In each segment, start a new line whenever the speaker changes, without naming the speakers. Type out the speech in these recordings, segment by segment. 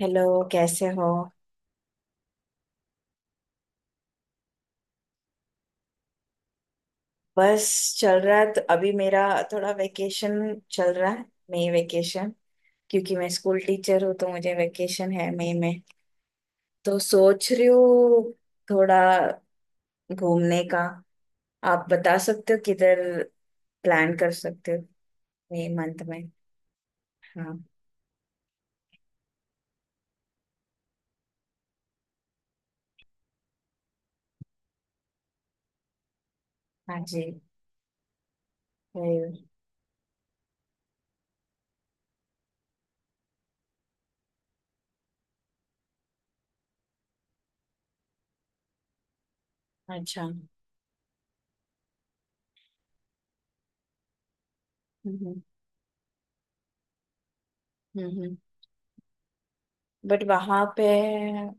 Hello. कैसे हो? बस, चल रहा है। तो अभी मेरा थोड़ा वेकेशन चल रहा है, मई वेकेशन। क्योंकि मैं स्कूल टीचर हूँ तो मुझे वेकेशन है मई में। तो सोच रही हूँ थोड़ा घूमने का। आप बता सकते हो किधर प्लान कर सकते हो मई मंथ में। हाँ। हाँ जी। वही। अच्छा। हम्म। हम्म। बट वहां पे,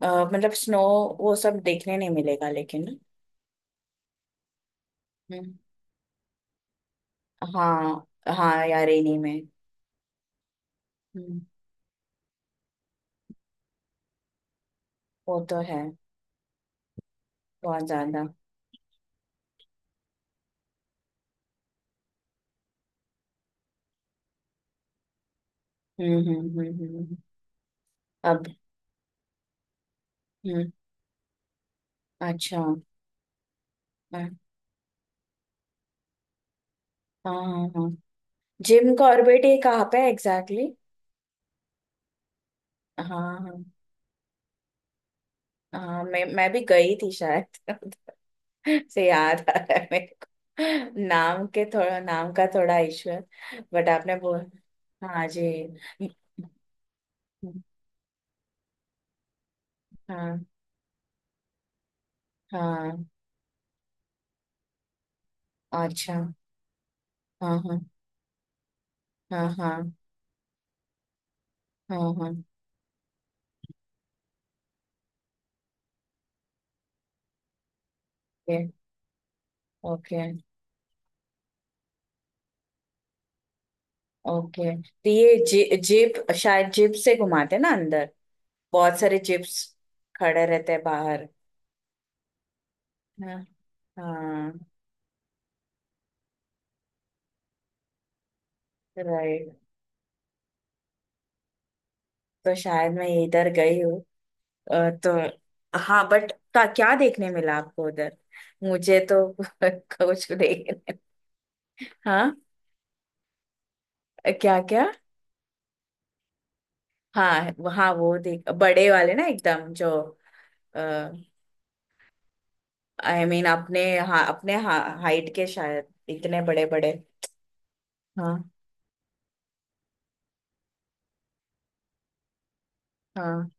मतलब स्नो, वो सब देखने नहीं मिलेगा लेकिन। हाँ। हाँ यार इन्हीं में। हम्म। वो तो है। बहुत ज्यादा। हम्म हम्म हम्म हम्म, हम्म। अब। हम्म। अच्छा। हाँ। हाँ। हाँ। जिम कॉर्बेट ये कहाँ पे एग्जैक्टली? हाँ। हाँ। हाँ, मैं भी गई थी शायद। से याद आ रहा है मेरे को, नाम का थोड़ा इश्यू है। बट आपने बोल। हाँ जी। हाँ हाँ। अच्छा। हाँ हाँ। हाँ हाँ। हाँ हाँ। ओके। ओके। ओके तो ये जिप, शायद जिप से घुमाते ना अंदर, बहुत सारे जिप्स खड़े रहते हैं बाहर। हाँ हाँ। राइट। तो शायद मैं इधर गई हूँ। तो हाँ बट का क्या देखने मिला आपको उधर? मुझे तो कुछ देखने। हाँ। क्या क्या? हाँ हाँ वो देख बड़े वाले ना एकदम जो, आई मीन अपने, हाँ अपने हाइट के शायद इतने बड़े बड़े। हाँ हाँ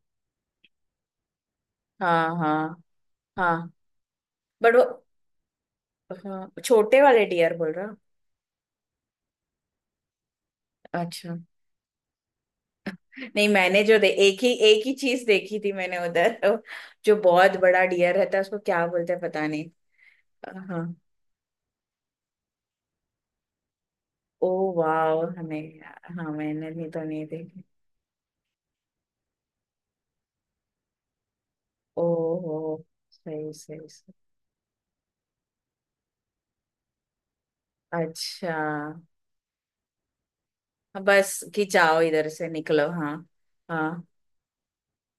हाँ हाँ हाँ। बट वो। हाँ छोटे वाले डियर बोल रहा। अच्छा। नहीं, मैंने जो दे एक ही चीज देखी थी मैंने उधर, जो बहुत बड़ा डियर रहता है उसको क्या बोलते हैं पता नहीं। हाँ। ओ। वाह। हमें, हाँ मैंने भी तो नहीं देखी। ओ। हो। सही सही सही। अच्छा हाँ, बस कि जाओ इधर से निकलो। हाँ। हाँ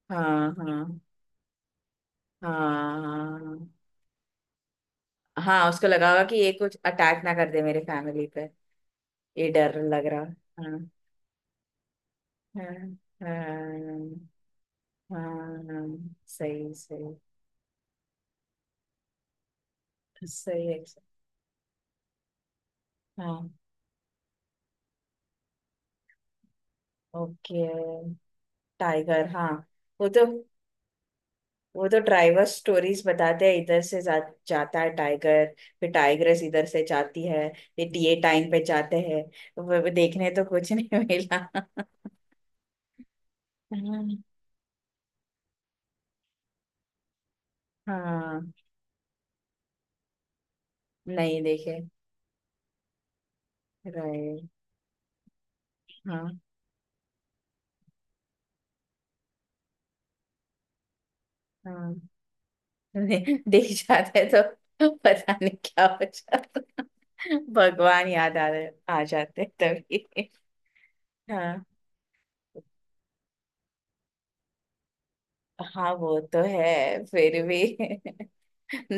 हाँ। हाँ हाँ हाँ। उसको लगा होगा कि ये कुछ अटैक ना कर दे मेरे फैमिली पे, ये डर लग रहा। हाँ। हाँ हाँ हाँ। सही सही। सही है। हाँ। ओके। टाइगर हाँ। वो तो वो तो ड्राइवर स्टोरीज बताते हैं, इधर से जाता है टाइगर, फिर टाइग्रेस इधर से जाती है, ये टीए टाइम पे जाते हैं। वो देखने तो कुछ नहीं मिला। हाँ। हाँ। नहीं देखे। राइट। हाँ हाँ देख जाते हैं, तो पता नहीं क्या हो जाता, भगवान याद आ रहे, आ जाते तभी। हाँ। हाँ वो तो है फिर भी।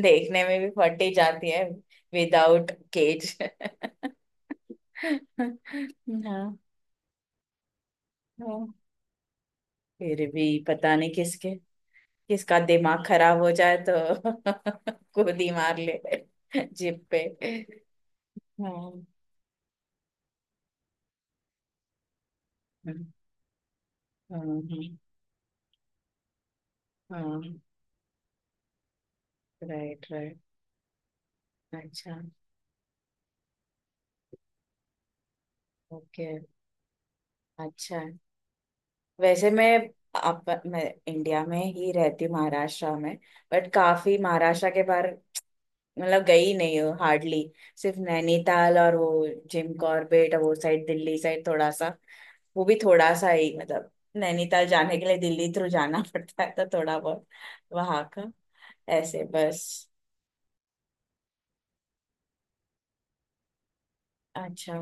देखने में भी फटी जाती है विदाउट केज। हाँ हाँ, फिर भी पता नहीं किसके, किसका दिमाग खराब हो जाए तो खुद ही मार ले जिप पे। हाँ हाँ हाँ। Right right. अच्छा। ओके। अच्छा है। वैसे मैं, आप, मैं इंडिया में ही रहती हूँ, महाराष्ट्र में। बट काफी महाराष्ट्र के बाहर मतलब गई नहीं हूँ हार्डली। सिर्फ नैनीताल और वो जिम कॉर्बेट, और वो साइड दिल्ली साइड थोड़ा सा। वो भी थोड़ा सा ही मतलब, नैनीताल जाने के लिए दिल्ली थ्रू जाना पड़ता है, तो थोड़ा बहुत वहां का ऐसे बस। अच्छा।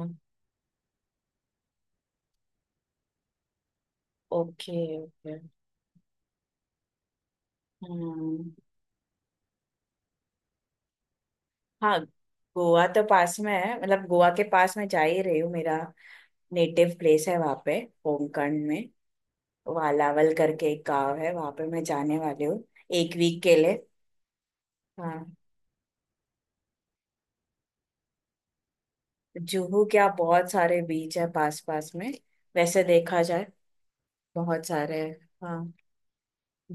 ओके। ओके। हम्म। हाँ, गोवा तो पास में है मतलब, गोवा के पास में जा ही रही हूँ। मेरा नेटिव प्लेस है वहाँ पे, होमखंड में। वालावल करके एक गांव है वहाँ पे, मैं जाने वाली हूँ एक वीक के लिए। हाँ। जुहू क्या, बहुत सारे बीच है पास पास में। वैसे देखा जाए बहुत सारे। हाँ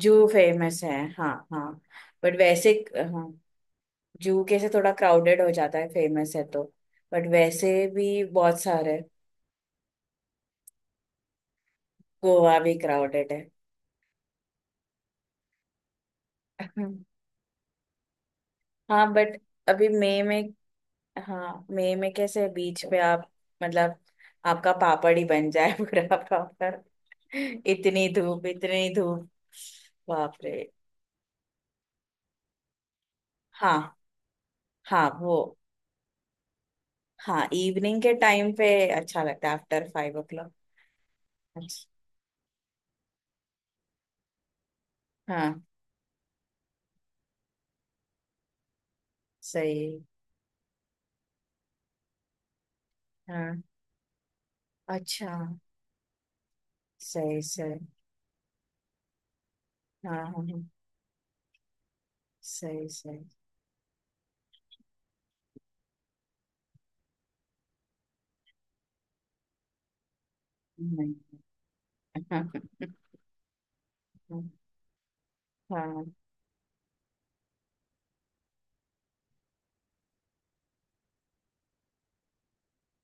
जू फेमस है हाँ हाँ। बट वैसे। हाँ जू कैसे थोड़ा क्राउडेड हो जाता है, फेमस है तो। बट वैसे भी बहुत सारे, गोवा भी क्राउडेड है। हाँ बट अभी मई में। हाँ मई में कैसे बीच पे आप, मतलब आपका पापड़ ही बन जाए पूरा पापड़। इतनी धूप इतनी धूप। बाप रे। हाँ। हाँ वो। हाँ इवनिंग के टाइम पे अच्छा लगता है आफ्टर 5 o'clock। अच्छा। हाँ। सही। हाँ। अच्छा। सही सही। हाँ हाँ हाँ, सही सही। नहीं। हाँ। हाँ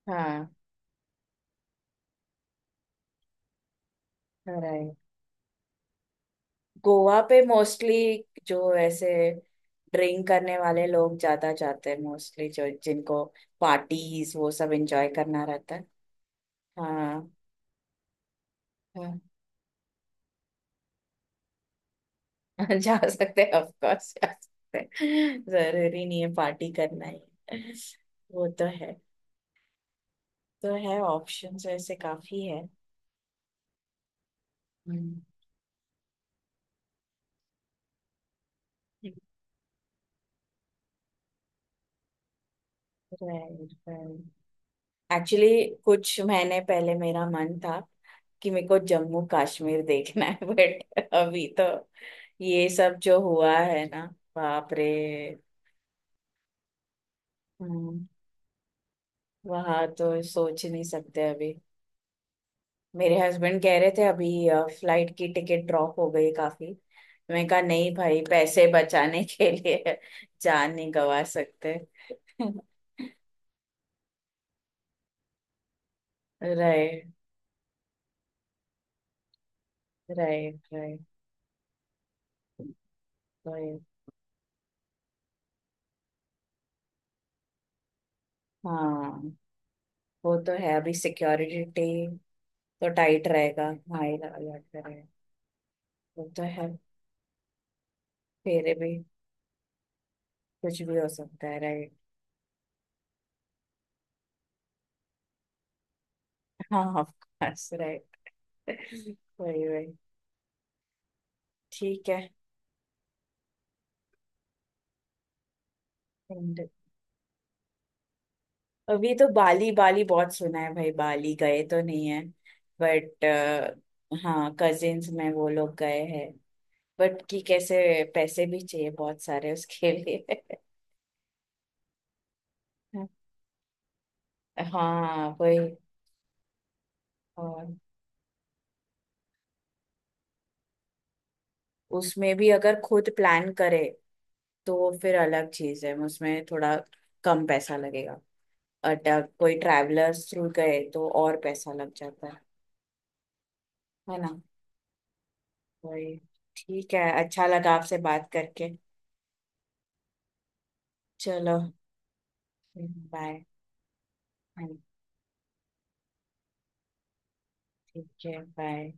हाँ हाँ, गोवा पे मोस्टली जो ऐसे ड्रिंक करने वाले लोग ज्यादा जाते हैं, मोस्टली जो जिनको पार्टीज वो सब एंजॉय करना रहता है। हाँ हाँ। जा सकते हैं ऑफ कोर्स, जा सकते हैं, जरूरी नहीं है पार्टी करना ही। वो तो है। तो है, ऑप्शंस ऐसे काफी है। हम्म। Right right. एक्चुअली कुछ महीने पहले मेरा मन था कि मेरे को जम्मू कश्मीर देखना है बट अभी तो ये सब जो हुआ है ना। बाप रे। हम्म, वहाँ तो सोच ही नहीं सकते अभी। मेरे हस्बैंड कह रहे थे अभी फ्लाइट की टिकट ड्रॉप हो गई काफी, मैं कहा नहीं भाई, पैसे बचाने के लिए जान नहीं गवा सकते। राइट। राइट। Right right. हाँ वो तो है अभी, सिक्योरिटी तो टाइट रहेगा, हाई अलर्ट रहेगा। वो तो है, फिर भी कुछ भी हो सकता है। राइट। हाँ ऑफ कोर्स राइट। वही वही। ठीक है। And अभी तो बाली, बाली बहुत सुना है भाई, बाली गए तो नहीं है बट। हाँ कजिन्स में वो लोग गए हैं बट, कि कैसे, पैसे भी चाहिए बहुत सारे उसके लिए। हाँ वही। और उसमें भी अगर खुद प्लान करे तो वो फिर अलग चीज है, उसमें थोड़ा कम पैसा लगेगा। अटक कोई ट्रैवलर्स थ्रू गए तो और पैसा लग जाता है। है ना। वही। ठीक है, अच्छा लगा आपसे बात करके। चलो बाय। हाँ ठीक है बाय।